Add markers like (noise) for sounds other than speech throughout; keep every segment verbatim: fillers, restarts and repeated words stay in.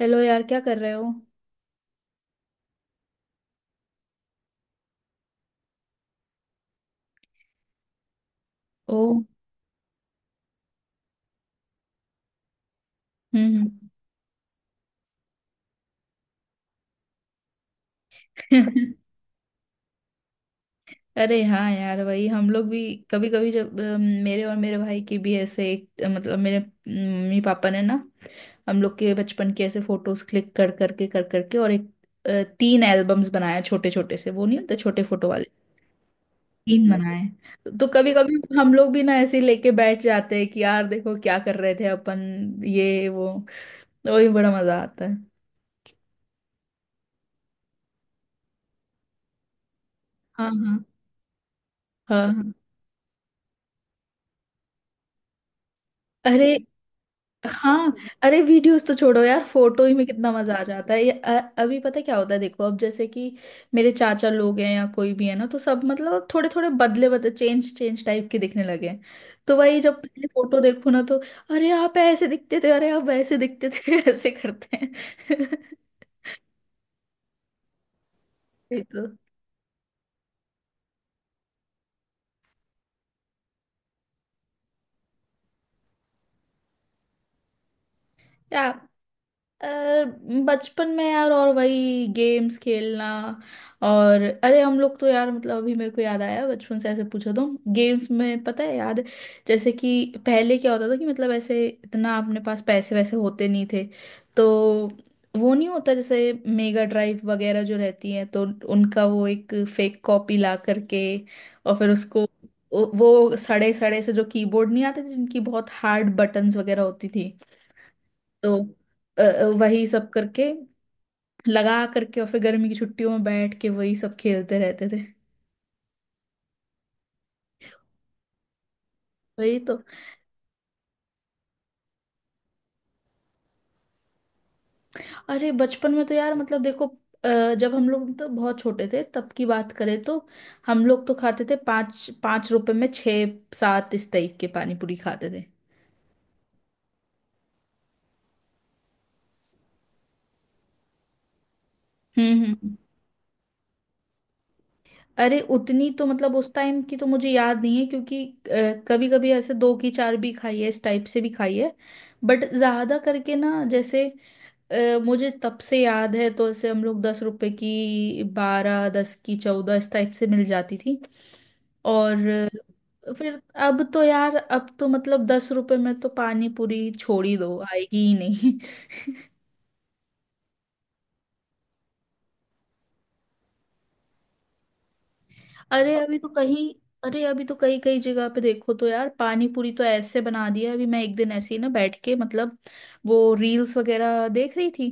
Hello यार, क्या कर रहे हो। ओ। हम्म हम्म। (laughs) अरे हाँ यार, वही हम लोग भी। कभी कभी जब अम, मेरे और मेरे भाई की भी ऐसे एक अ, मतलब मेरे मम्मी पापा ने ना, हम लोग के बचपन के ऐसे फोटोज क्लिक कर करके कर करके और एक अ, तीन एल्बम्स बनाया, छोटे छोटे से, वो नहीं होते छोटे फोटो वाले, तीन बनाए। तो कभी कभी हम लोग भी ना ऐसे ही लेके बैठ जाते हैं कि यार देखो, क्या कर रहे थे अपन, ये वो, तो वही बड़ा मजा आता है। हाँ हाँ हाँ हाँ। अरे हाँ। अरे वीडियोस तो छोड़ो यार, फोटो ही में कितना मजा आ जाता है। ये अ- अभी पता है क्या होता है, देखो अब जैसे कि मेरे चाचा लोग हैं या कोई भी है ना, तो सब मतलब थोड़े थोड़े बदले बदले चेंज चेंज टाइप के दिखने लगे हैं। तो वही जब पहले फोटो देखो ना, तो अरे आप ऐसे दिखते थे, अरे आप वैसे दिखते थे, (laughs) ऐसे करते हैं (laughs) ये तो। क्या। अ, बचपन में यार, और वही गेम्स खेलना। और अरे हम लोग तो यार मतलब अभी मेरे को याद आया, बचपन से ऐसे पूछो तो गेम्स में, पता है याद है, जैसे कि पहले क्या होता था कि मतलब ऐसे इतना अपने पास पैसे वैसे होते नहीं थे। तो वो नहीं होता जैसे मेगा ड्राइव वगैरह जो रहती है, तो उनका वो एक फेक कॉपी ला करके और फिर उसको, वो सड़े सड़े से जो कीबोर्ड नहीं आते थे जिनकी बहुत हार्ड बटन्स वगैरह होती थी, तो अ, अ, वही सब करके लगा करके, और फिर गर्मी की छुट्टियों में बैठ के वही सब खेलते रहते थे। वही तो। अरे बचपन में तो यार मतलब देखो, अ, जब हम लोग तो बहुत छोटे थे तब की बात करें तो हम लोग तो खाते थे पाँच पाँच रुपए में छः सात, इस टाइप के पानी पूरी खाते थे। हम्म हम्म। अरे उतनी तो मतलब उस टाइम की तो मुझे याद नहीं है, क्योंकि कभी कभी ऐसे दो की चार भी खाई है, इस टाइप से भी खाई है। बट ज्यादा करके ना जैसे अ, मुझे तब से याद है, तो ऐसे हम लोग दस रुपए की बारह, दस की चौदह, इस टाइप से मिल जाती थी। और अ, फिर अब तो यार, अब तो मतलब दस रुपए में तो पानी पूरी छोड़ ही दो, आएगी ही नहीं। (laughs) अरे अभी तो कहीं। अरे अभी तो कई कई जगह पे देखो तो यार पानी पूरी तो ऐसे बना दिया है। अभी मैं एक दिन ऐसे ही ना बैठ के मतलब वो रील्स वगैरह देख रही थी,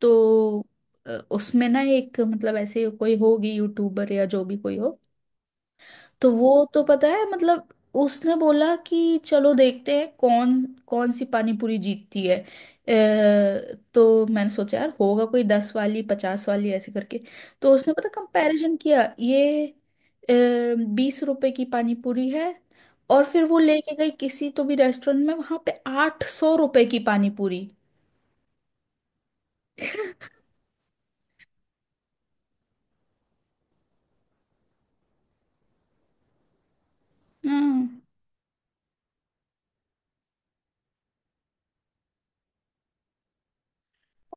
तो अ, उसमें ना एक मतलब ऐसे कोई होगी यूट्यूबर या जो भी कोई हो, तो वो तो पता है मतलब उसने बोला कि चलो देखते हैं कौन कौन सी पानी पूरी जीतती है। अ, तो मैंने सोचा यार होगा कोई दस वाली, पचास वाली, ऐसे करके। तो उसने पता कंपैरिजन किया, ये बीस रुपए की पानी पूरी है, और फिर वो लेके गई किसी तो भी रेस्टोरेंट में, वहां पे आठ सौ रुपए की पानी पूरी। हम्म।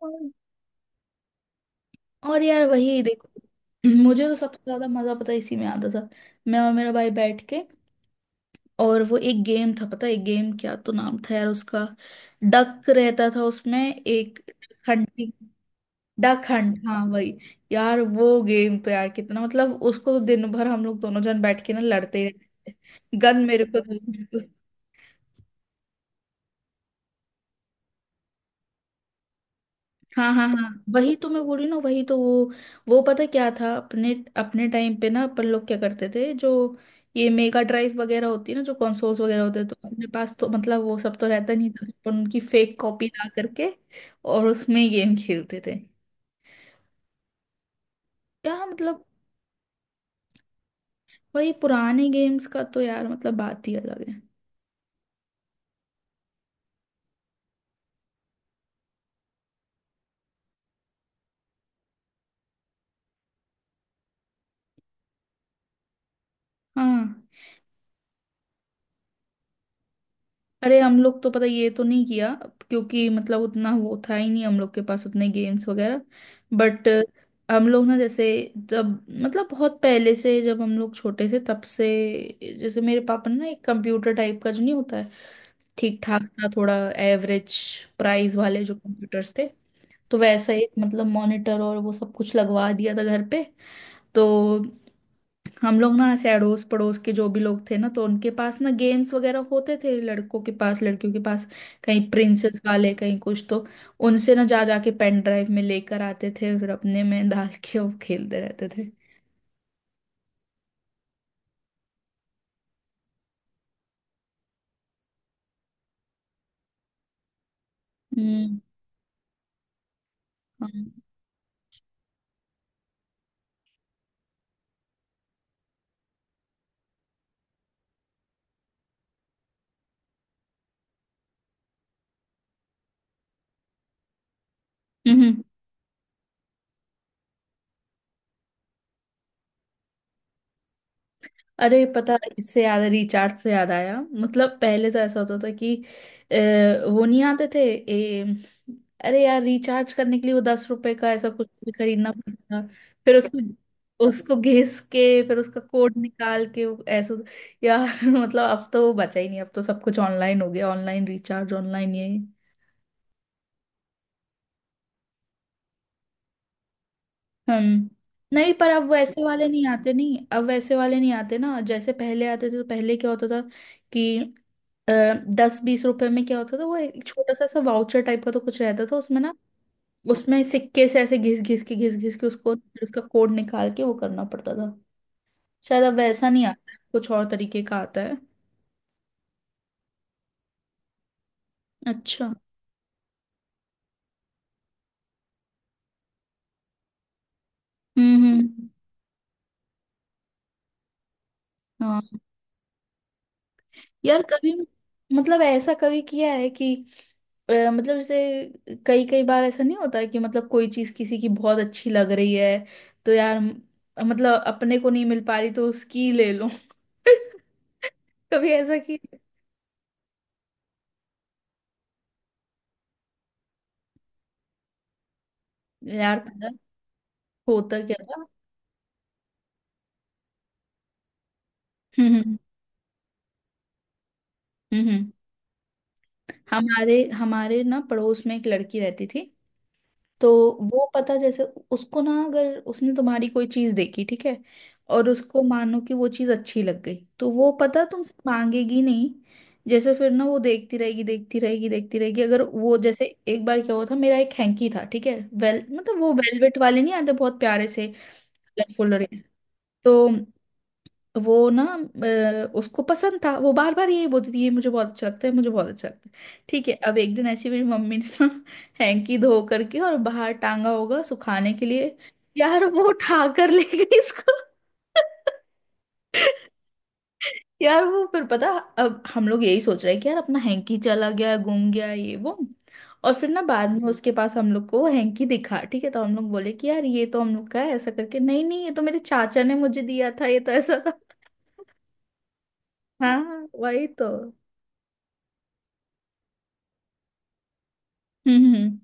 और और यार वही देखो, मुझे तो सबसे ज्यादा मजा पता है इसी में आता था, मैं और मेरा भाई बैठ के। और वो एक गेम था, पता है एक गेम क्या तो नाम था यार उसका, डक रहता था उसमें एक, हंटिंग, डक हंट, हाँ वही। यार वो गेम तो यार कितना मतलब, उसको दिन भर हम लोग दोनों जन बैठ के ना लड़ते, गन मेरे को दो। हाँ हाँ हाँ। वही तो मैं बोल रही हूँ ना, वही तो वो वो पता क्या था अपने अपने टाइम पे ना अपन लोग क्या करते थे। जो ये मेगा ड्राइव वगैरह होती है ना, जो कंसोल्स वगैरह होते हैं, तो अपने पास तो मतलब वो सब तो रहता नहीं था, तो अपन उनकी फेक कॉपी ला करके और उसमें गेम खेलते थे। यार मतलब वही पुराने गेम्स का तो यार मतलब बात ही अलग है। हाँ। अरे हम लोग तो पता ये तो नहीं किया, क्योंकि मतलब उतना वो था ही नहीं हम लोग के पास, उतने गेम्स वगैरह। बट हम लोग ना जैसे, जब मतलब बहुत पहले से, जब हम लोग छोटे थे तब से, जैसे मेरे पापा ने ना एक कंप्यूटर टाइप का जो नहीं होता है, ठीक ठाक सा, थोड़ा एवरेज प्राइस वाले जो कंप्यूटर्स थे, तो वैसा एक मतलब मॉनिटर और वो सब कुछ लगवा दिया था घर पे। तो हम लोग ना ऐसे अड़ोस पड़ोस के जो भी लोग थे ना तो उनके पास ना गेम्स वगैरह होते थे, लड़कों के पास लड़कियों के पास, कहीं प्रिंसेस वाले कहीं कुछ, तो उनसे ना जा जाके पेन ड्राइव में लेकर आते थे, फिर अपने में डाल के वो खेलते रहते थे। हम्म। हाँ। हम्म। अरे पता है, इससे याद, रिचार्ज से याद आया, मतलब पहले तो ऐसा होता था कि अ, वो नहीं आते थे। ए, अरे यार, रिचार्ज करने के लिए वो दस रुपए का ऐसा कुछ भी खरीदना पड़ता था, फिर उसको उसको घिस के फिर उसका कोड निकाल के वो ऐसा। यार (laughs) मतलब अब तो वो बचा ही नहीं, अब तो सब कुछ ऑनलाइन हो गया, ऑनलाइन रिचार्ज, ऑनलाइन ये। हम्म। नहीं, पर अब वैसे वाले नहीं आते, नहीं अब वैसे वाले नहीं आते ना जैसे पहले आते थे, तो पहले क्या होता था कि अ, दस बीस रुपए में क्या होता था, वो एक छोटा सा सा वाउचर टाइप का तो कुछ रहता था उसमें ना। उसमें सिक्के से ऐसे घिस घिस के घिस घिस के उसको, फिर उसका कोड निकाल के वो करना पड़ता था। शायद अब वैसा नहीं आता है, कुछ और तरीके का आता है। अच्छा। हम्म हम्म। हाँ यार, कभी मतलब ऐसा कभी किया है कि अ, मतलब जैसे कई कई बार ऐसा नहीं होता है कि मतलब कोई चीज किसी की बहुत अच्छी लग रही है, तो यार म- मतलब अपने को नहीं मिल पा रही, तो उसकी ले लो (laughs) कभी ऐसा कि यार पता है होता क्या था। हम्म हम्म। हम्म, हम्म। हमारे हमारे ना पड़ोस में एक लड़की रहती थी। तो वो पता जैसे उसको ना, अगर उसने तुम्हारी कोई चीज देखी ठीक है, और उसको मानो कि वो चीज अच्छी लग गई, तो वो पता तुमसे मांगेगी नहीं। जैसे फिर ना वो देखती रहेगी देखती रहेगी देखती रहेगी, अगर वो जैसे एक बार क्या हुआ था, मेरा एक हैंकी था ठीक है, वेल मतलब वो वेलवेट वाले नहीं आते बहुत प्यारे से, कलरफुल, और ये। तो वो ना अ, उसको पसंद था, वो बार बार यही बोलती थी, ये मुझे बहुत अच्छा लगता है, मुझे बहुत अच्छा लगता है। ठीक है, अब एक दिन ऐसी मेरी मम्मी ने ना (laughs) हैंकी धो करके और बाहर टांगा होगा सुखाने के लिए, यार वो उठा कर ले गई इसको। यार वो फिर पता, अब हम लोग यही सोच रहे हैं कि यार अपना हैंकी चला गया, गुम गया, ये वो, और फिर ना बाद में उसके पास हम लोग को हैंकी दिखा ठीक है, तो हम लोग बोले कि यार ये तो हम लोग का है, ऐसा करके, नहीं नहीं ये तो मेरे चाचा ने मुझे दिया था, ये तो ऐसा था। हाँ वही तो। हम्म हम्म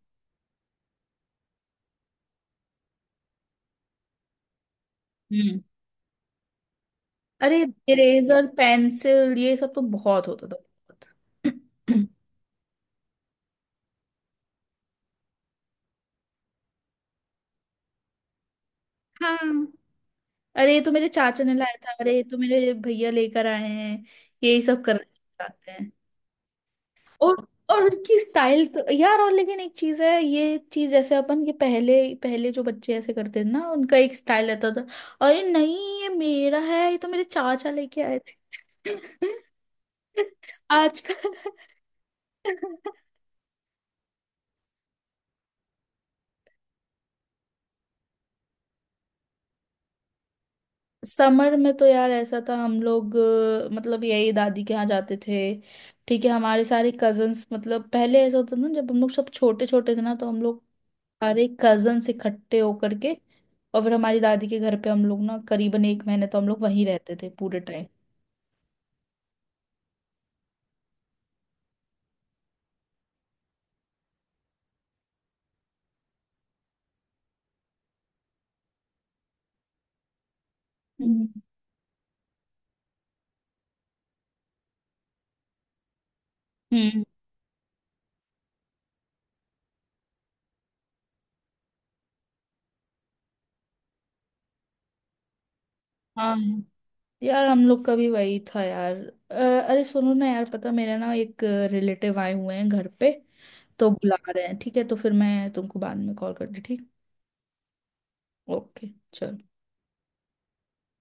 हम्म। अरे इरेजर पेंसिल ये सब तो बहुत होता था, बहुत। (clears throat) हाँ। अरे ये तो मेरे चाचा ने लाया था, अरे ये तो मेरे भैया लेकर आए हैं, यही सब करना चाहते हैं। और और उनकी स्टाइल तो यार, और लेकिन एक चीज है, ये चीज जैसे अपन ये पहले, पहले जो बच्चे ऐसे करते थे ना उनका एक स्टाइल रहता था, अरे नहीं ये मेरा है, ये तो मेरे चाचा लेके आए थे (laughs) आजकल। समर में तो यार ऐसा था, हम लोग अ, मतलब यही दादी के यहाँ जाते थे ठीक है, हमारे सारे कजन्स मतलब पहले ऐसा होता था ना, जब हम लोग सब छोटे छोटे थे ना, तो हम लोग सारे कजन्स इकट्ठे होकर के और फिर हमारी दादी के घर पे हम लोग ना करीबन एक महीने तो हम लोग वहीं रहते थे पूरे टाइम। हम्म हम्म। हाँ यार, हम लोग का भी वही था यार। अ, अरे सुनो ना यार, पता मेरा ना एक रिलेटिव आए हुए हैं घर पे, तो बुला रहे हैं, ठीक है, तो फिर मैं तुमको बाद में कॉल करती, ठीक। ओके। चलो।